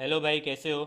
Hello भाई, कैसे हो?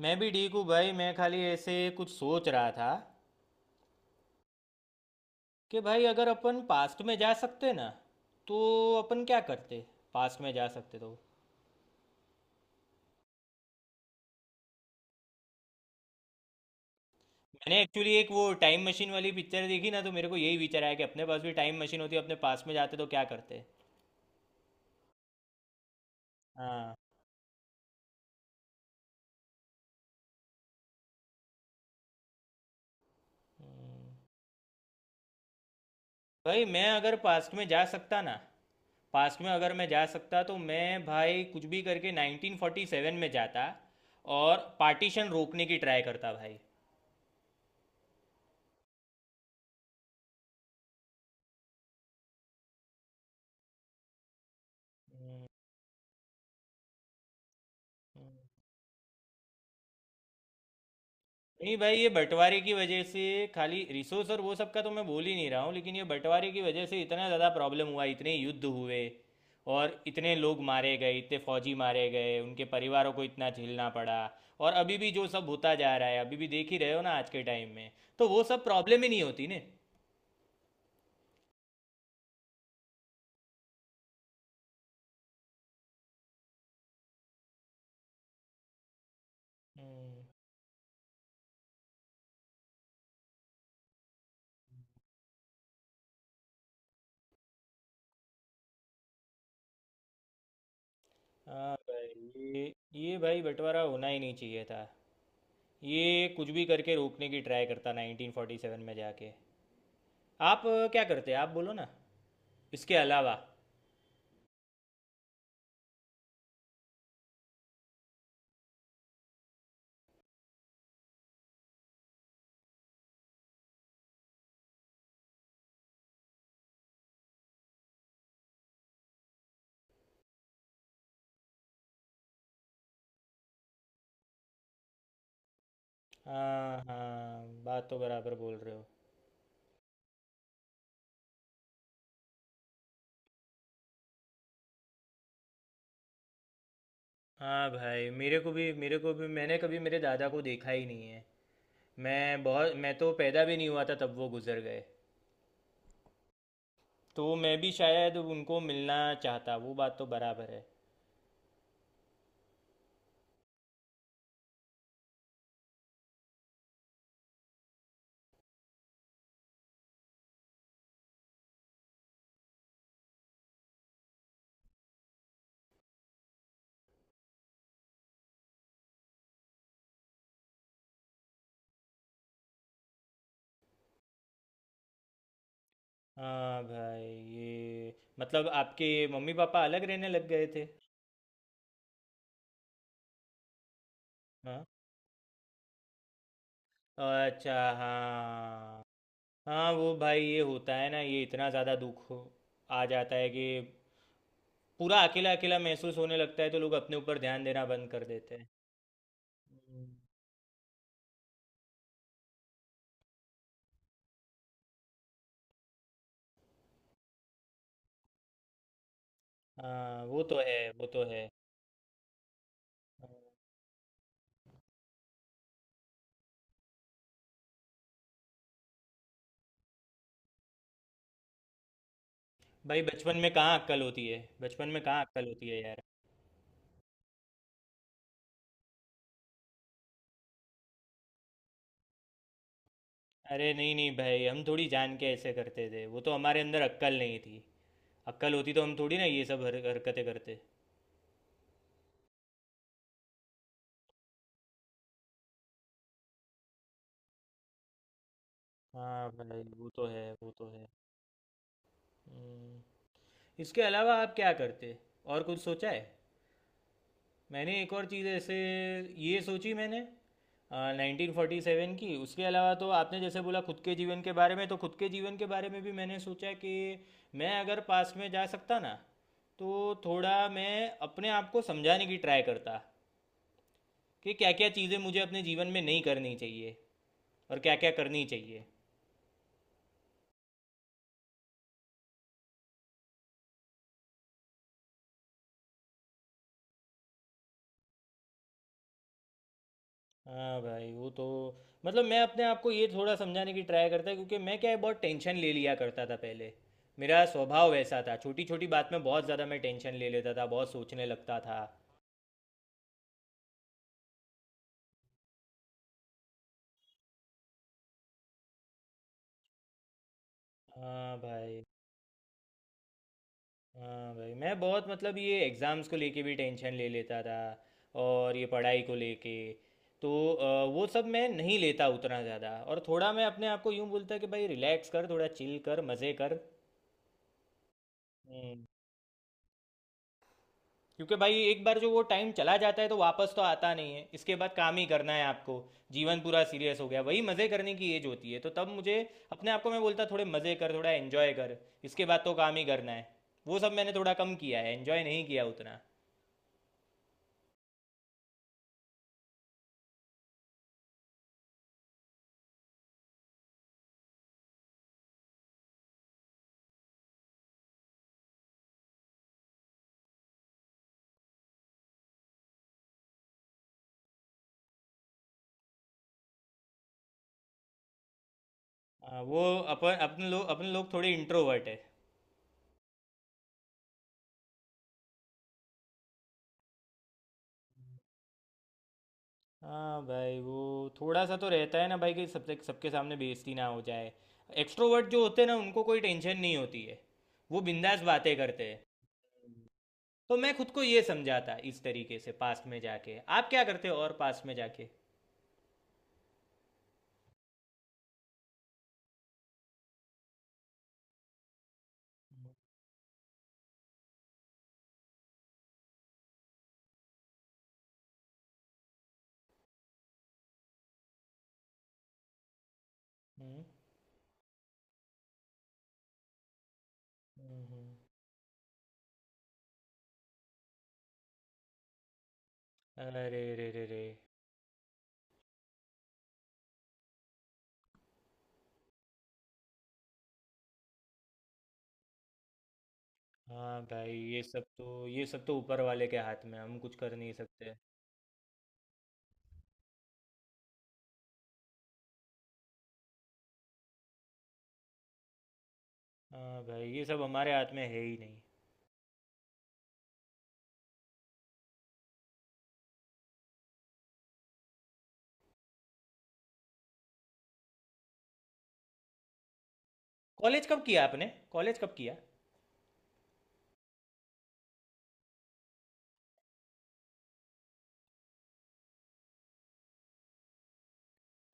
मैं भी ठीक हूँ भाई। मैं खाली ऐसे कुछ सोच रहा था कि भाई, अगर अपन पास्ट में जा सकते ना, तो अपन क्या करते? पास्ट में जा सकते तो मैंने एक्चुअली एक वो टाइम मशीन वाली पिक्चर देखी ना, तो मेरे को यही विचार आया कि अपने पास भी टाइम मशीन होती, अपने पास्ट में जाते तो क्या करते। हाँ भाई, मैं अगर पास्ट में जा सकता ना, पास्ट में अगर मैं जा सकता तो मैं भाई कुछ भी करके 1947 में जाता, और पार्टीशन रोकने की ट्राई करता भाई। नहीं भाई, ये बंटवारे की वजह से खाली रिसोर्स और वो सब का तो मैं बोल ही नहीं रहा हूँ, लेकिन ये बंटवारे की वजह से इतना ज़्यादा प्रॉब्लम हुआ, इतने युद्ध हुए, और इतने लोग मारे गए, इतने फौजी मारे गए, उनके परिवारों को इतना झेलना पड़ा। और अभी भी जो सब होता जा रहा है, अभी भी देख ही रहे हो ना आज के टाइम में। तो वो सब प्रॉब्लम ही नहीं होती ने। हम्म। हाँ भाई, ये भाई बंटवारा होना ही नहीं चाहिए था। ये कुछ भी करके रोकने की ट्राई करता 1947 में जाके। आप क्या करते? आप बोलो ना, इसके अलावा। हाँ हाँ, बात तो बराबर बोल रहे हो। हाँ भाई, मेरे को भी, मैंने कभी मेरे दादा को देखा ही नहीं है। मैं तो पैदा भी नहीं हुआ था तब वो गुजर गए। तो मैं भी शायद उनको मिलना चाहता, वो बात तो बराबर है। हाँ भाई, ये मतलब आपके मम्मी पापा अलग रहने लग गए थे? हाँ। अच्छा। हाँ। हाँ वो भाई, ये होता है ना, ये इतना ज़्यादा दुख हो आ जाता है कि पूरा अकेला अकेला महसूस होने लगता है, तो लोग अपने ऊपर ध्यान देना बंद कर देते हैं। हम्म। हाँ, वो तो है, वो तो है। हाँ। भाई बचपन में कहाँ अक्ल होती है, बचपन में कहाँ अक्ल होती है यार। अरे नहीं नहीं भाई, हम थोड़ी जान के ऐसे करते थे, वो तो हमारे अंदर अक्ल नहीं थी। अक्ल होती तो हम थोड़ी ना ये सब हरकतें करते। हाँ भाई वो तो है, वो तो है। हम्म। इसके अलावा आप क्या करते? और कुछ सोचा है? मैंने एक और चीज़ ऐसे ये सोची मैंने, 1947 की। उसके अलावा तो आपने जैसे बोला खुद के जीवन के बारे में, तो खुद के जीवन के बारे में भी मैंने सोचा कि मैं अगर पास में जा सकता ना, तो थोड़ा मैं अपने आप को समझाने की ट्राई करता कि क्या क्या चीज़ें मुझे अपने जीवन में नहीं करनी चाहिए और क्या क्या करनी चाहिए। हाँ भाई वो तो, मतलब मैं अपने आप को ये थोड़ा समझाने की ट्राई करता है, क्योंकि मैं क्या है बहुत टेंशन ले लिया करता था पहले। मेरा स्वभाव वैसा था, छोटी छोटी बात में बहुत ज़्यादा मैं टेंशन ले लेता था, बहुत सोचने लगता था। हाँ भाई, हाँ भाई मैं बहुत मतलब ये एग्ज़ाम्स को लेके भी टेंशन ले लेता था, और ये पढ़ाई को लेके। तो वो सब मैं नहीं लेता उतना ज़्यादा, और थोड़ा मैं अपने आप को यूँ बोलता कि भाई रिलैक्स कर, थोड़ा चिल कर, मज़े कर। हम्म। क्योंकि भाई एक बार जो वो टाइम चला जाता है तो वापस तो आता नहीं है, इसके बाद काम ही करना है आपको। जीवन पूरा सीरियस हो गया, वही मज़े करने की एज होती है, तो तब मुझे अपने आप को मैं बोलता थोड़े मज़े कर, थोड़ा एन्जॉय कर, इसके बाद तो काम ही करना है। वो सब मैंने थोड़ा कम किया है, एन्जॉय नहीं किया उतना। वो अपने लोग थोड़े इंट्रोवर्ट है। हाँ भाई, वो थोड़ा सा तो रहता है ना भाई कि सबसे सबके सामने बेइज्जती ना हो जाए। एक्सट्रोवर्ट जो होते हैं ना, उनको कोई टेंशन नहीं होती है, वो बिंदास बातें करते हैं। तो मैं खुद को ये समझाता इस तरीके से पास्ट में जाके आप क्या करते हो। और पास्ट में जाके... हम्म। हम्म। अरे रे, रे रे। हाँ भाई, ये सब तो ऊपर वाले के हाथ में है, हम कुछ कर नहीं सकते। हाँ भाई, ये सब हमारे हाथ में है ही नहीं। कॉलेज कब किया आपने? कॉलेज कब किया?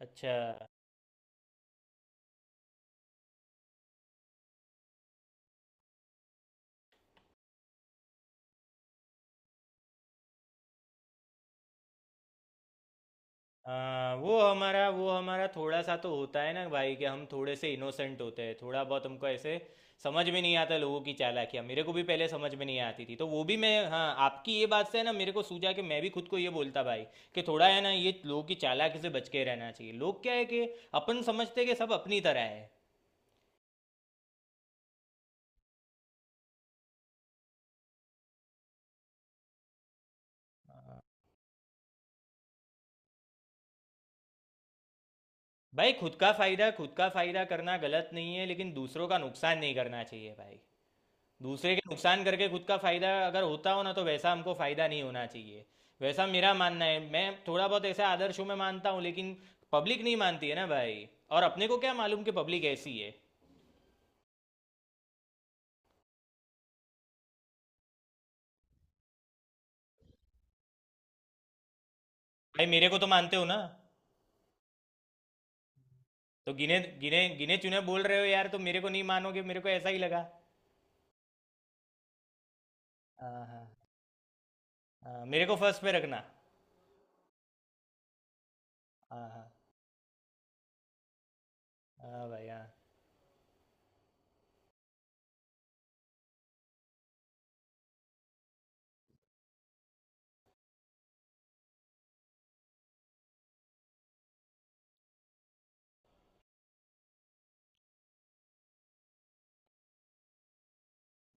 अच्छा। हाँ, वो हमारा थोड़ा सा तो होता है ना भाई कि हम थोड़े से इनोसेंट होते हैं, थोड़ा बहुत हमको ऐसे समझ में नहीं आता लोगों की चालाकियाँ। मेरे को भी पहले समझ में नहीं आती थी, तो वो भी मैं, हाँ आपकी ये बात से है ना, मेरे को सूझा कि मैं भी खुद को ये बोलता भाई कि थोड़ा है ना ये लोगों की चालाकी से बच के रहना चाहिए। लोग क्या है कि अपन समझते हैं कि सब अपनी तरह है। भाई खुद का फायदा, खुद का फायदा करना गलत नहीं है, लेकिन दूसरों का नुकसान नहीं करना चाहिए भाई। दूसरे के नुकसान करके खुद का फायदा अगर होता हो ना, तो वैसा हमको फायदा नहीं होना चाहिए। वैसा मेरा मानना है। मैं थोड़ा बहुत ऐसे आदर्शों में मानता हूँ लेकिन पब्लिक नहीं मानती है ना भाई, और अपने को क्या मालूम कि पब्लिक ऐसी है। भाई मेरे को तो मानते हो ना? तो गिने गिने गिने चुने बोल रहे हो यार, तो मेरे को नहीं मानोगे? मेरे को ऐसा ही लगा। हाँ हाँ। हाँ मेरे को फर्स्ट पे रखना। हाँ हाँ। हाँ भाई। हाँ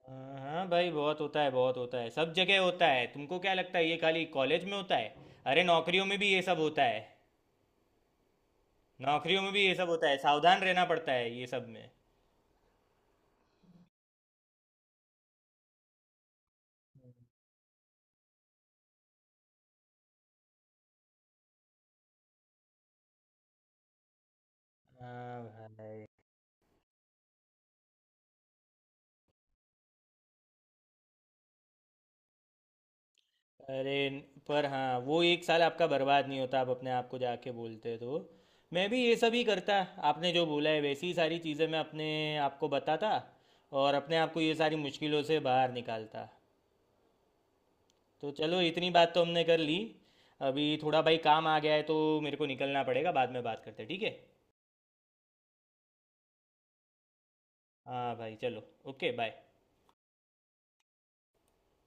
हाँ, हाँ भाई बहुत होता है, बहुत होता है, सब जगह होता है। तुमको क्या लगता है ये खाली कॉलेज में होता है? अरे नौकरियों में भी ये सब होता है, नौकरियों में भी ये सब होता है, सावधान रहना पड़ता है ये सब में। हाँ भाई। अरे। पर हाँ, वो एक साल आपका बर्बाद नहीं होता, आप अपने आप को जाके बोलते तो। मैं भी ये सब ही करता, आपने जो बोला है वैसी ही सारी चीज़ें मैं अपने आप को बताता, और अपने आप को ये सारी मुश्किलों से बाहर निकालता। तो चलो, इतनी बात तो हमने कर ली। अभी थोड़ा भाई काम आ गया है तो मेरे को निकलना पड़ेगा, बाद में बात करते हैं, ठीक है। हाँ भाई चलो। Okay bye.